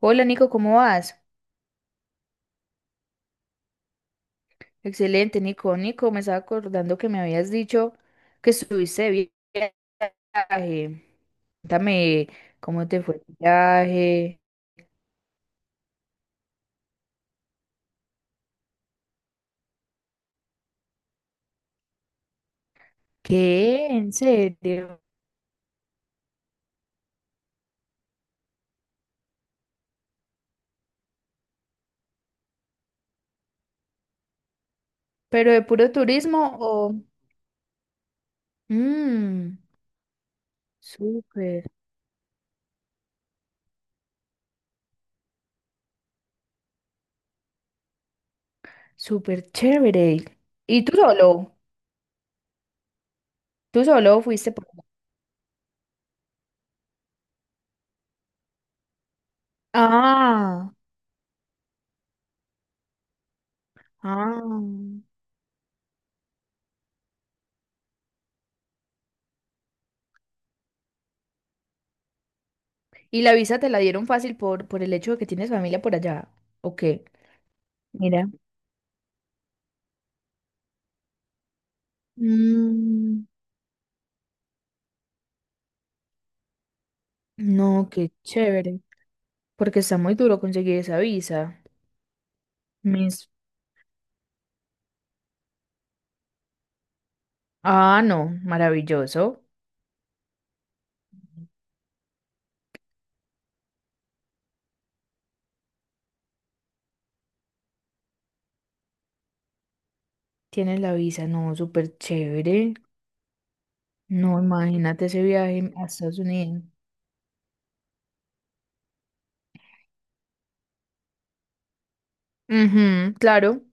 Hola Nico, ¿cómo vas? Excelente, Nico. Nico, me estaba acordando que me habías dicho que estuviste de viaje. Cuéntame cómo te fue el viaje. ¿Qué? ¿En serio? ¿Pero de puro turismo o...? Mmm, súper, súper chévere. ¿Y tú solo? ¿Tú solo fuiste por... Ah, ah. ¿Y la visa te la dieron fácil por el hecho de que tienes familia por allá? ¿O qué? Mira. Mm. No, qué chévere, porque está muy duro conseguir esa visa. Mis... Ah, no, maravilloso. Tienes la visa, no, súper chévere. No, imagínate ese viaje a Estados Unidos. Ujú, claro.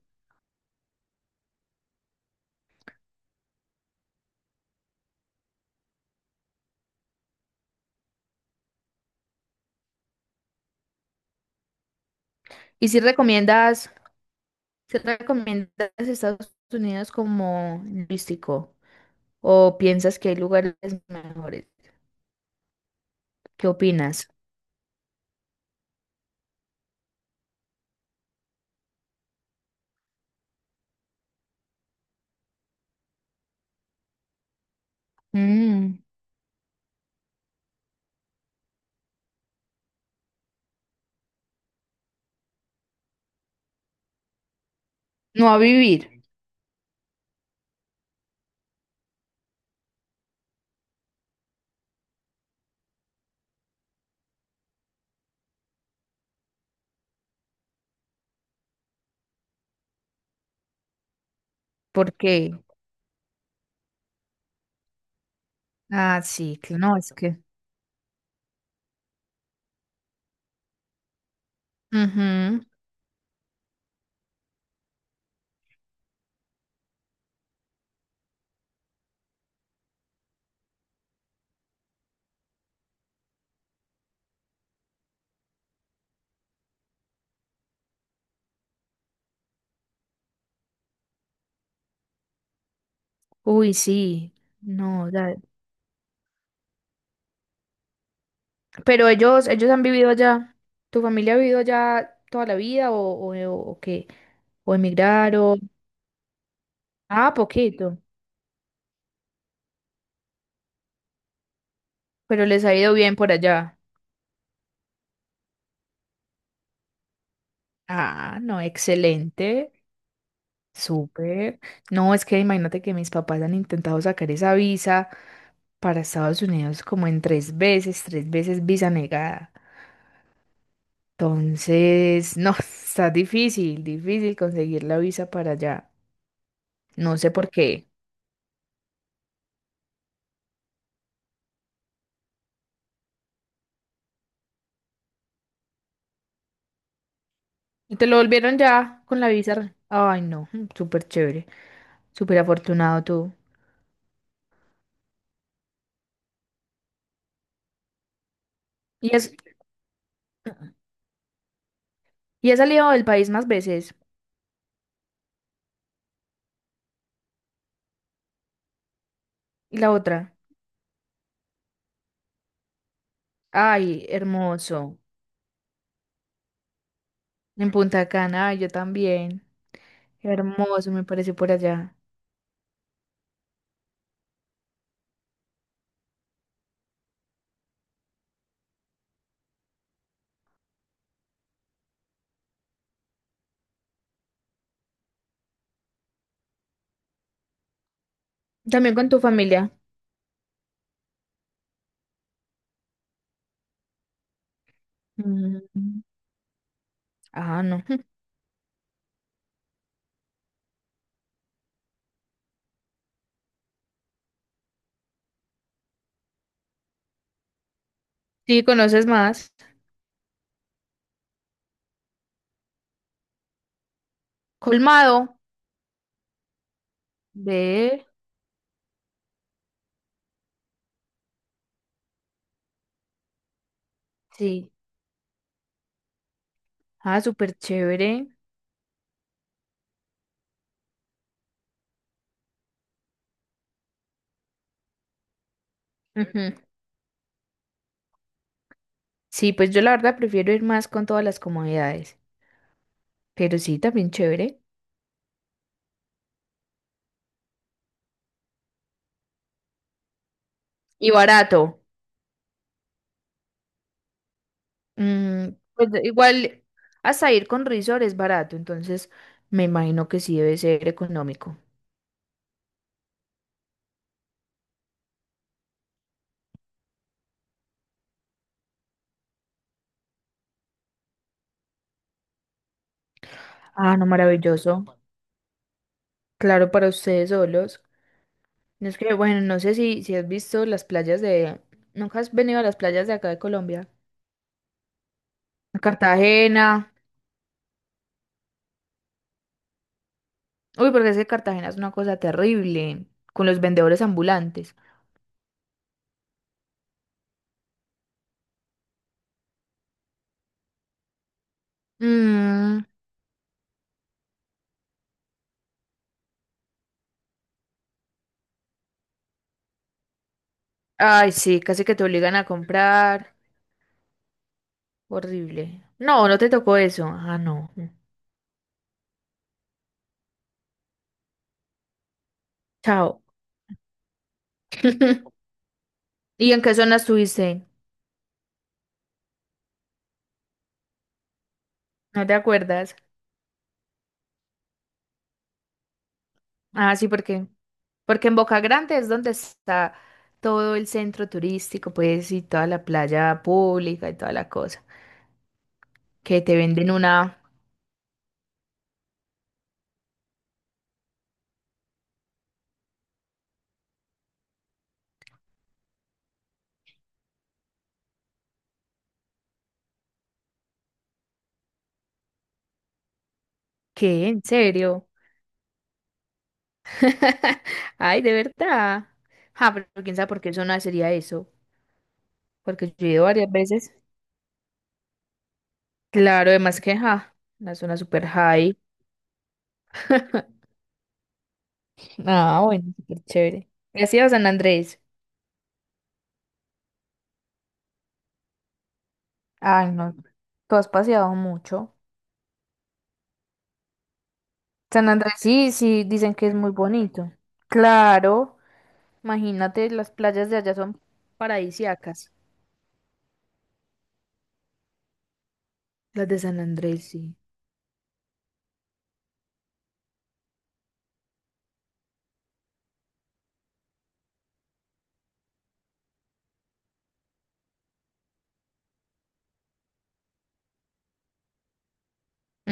¿Y si recomiendas Estados Unidos como turístico o piensas que hay lugares mejores? ¿Qué opinas? Mm, no a vivir, ¿por qué? Ah, sí, que no, es que... Ujú. Uy, sí, no, ya- Pero ellos han vivido allá. ¿Tu familia ha vivido allá toda la vida o qué? ¿O emigraron? Ah, poquito. Pero les ha ido bien por allá. Ah, no, excelente. Súper. No, es que imagínate que mis papás han intentado sacar esa visa para Estados Unidos como en tres veces visa negada. Entonces, no, está difícil, difícil conseguir la visa para allá. No sé por qué. Y te lo volvieron ya con la visa. Ay, no, mm, súper chévere, súper afortunado tú. Y has, y has salido del país más veces. Y la otra, ay, hermoso. En Punta Cana, ay, yo también. Hermoso, me parece por allá. También con tu familia. Mm, Ah, no. Sí, conoces más. Colmado. Ve. Sí. Ah, súper chévere. Ujú. Sí, pues yo la verdad prefiero ir más con todas las comodidades. Pero sí, también chévere. Y barato. Mm, pues igual hasta ir con resort es barato, entonces me imagino que sí debe ser económico. Ah, no, maravilloso. Claro, para ustedes solos. No es que, bueno, no sé si has visto las playas de... ¿Nunca has venido a las playas de acá de Colombia? A Cartagena. Uy, porque es que Cartagena es una cosa terrible con los vendedores ambulantes. Mm, ay, sí, casi que te obligan a comprar. Horrible. No, no te tocó eso. Ah, no. Chao. ¿Y en qué zona estuviste? ¿No te acuerdas? Ah, sí, porque en Boca Grande es donde está todo el centro turístico, pues, y toda la playa pública y toda la cosa. Que te venden una... ¿Qué? ¿En serio? Ay, de verdad. Ah, pero quién sabe por qué zona sería eso. Porque yo he ido varias veces. Claro, además que, ja, una zona super high. Ah, bueno, súper chévere. ¿Y has ido a San Andrés? Ay, no. Tú has paseado mucho. San Andrés, sí, sí, dicen que es muy bonito. Claro, imagínate, las playas de allá son paradisíacas. Las de San Andrés, sí.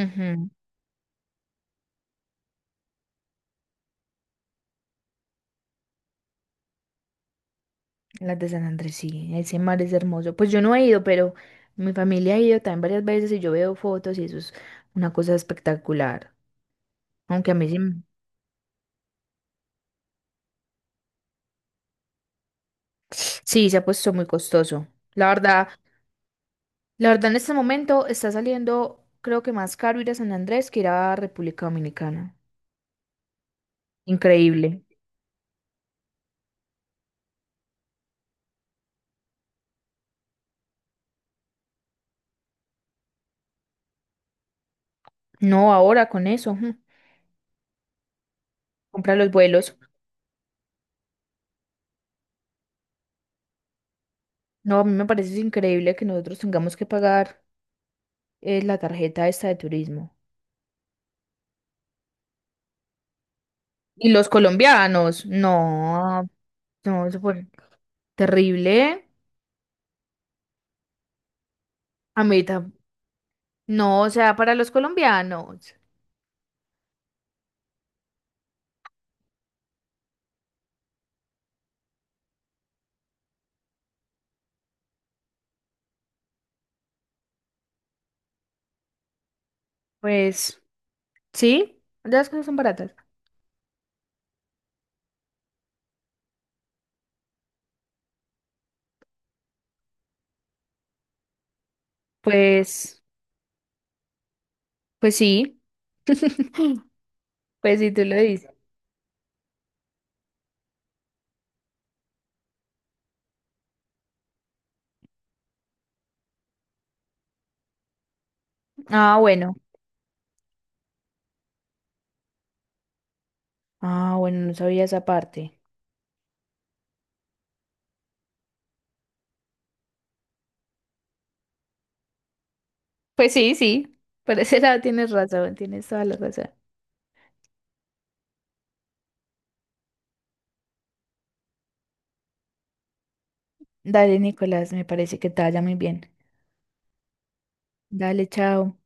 Ujú, las de San Andrés, sí. Ese mar es hermoso. Pues yo no he ido, pero mi familia ha ido también varias veces y yo veo fotos y eso es una cosa espectacular. Aunque a mí sí, m- sí se ha puesto muy costoso. La verdad, la verdad en este momento está saliendo, creo que más caro ir a San Andrés que ir a República Dominicana. Increíble. No, ahora con eso. Ujú, compra los vuelos. No, a mí me parece increíble que nosotros tengamos que pagar la tarjeta esta de turismo. Y los colombianos, no, no, eso fue terrible. A mí tam- no, o sea, para los colombianos, pues sí, las cosas son baratas. Pues, pues sí, pues sí, tú lo dices. Ah, bueno, ah, bueno, no sabía esa parte. Pues sí, sí, por ese lado tienes razón, tienes toda la razón. Dale, Nicolás, me parece que te vaya muy bien. Dale, chao.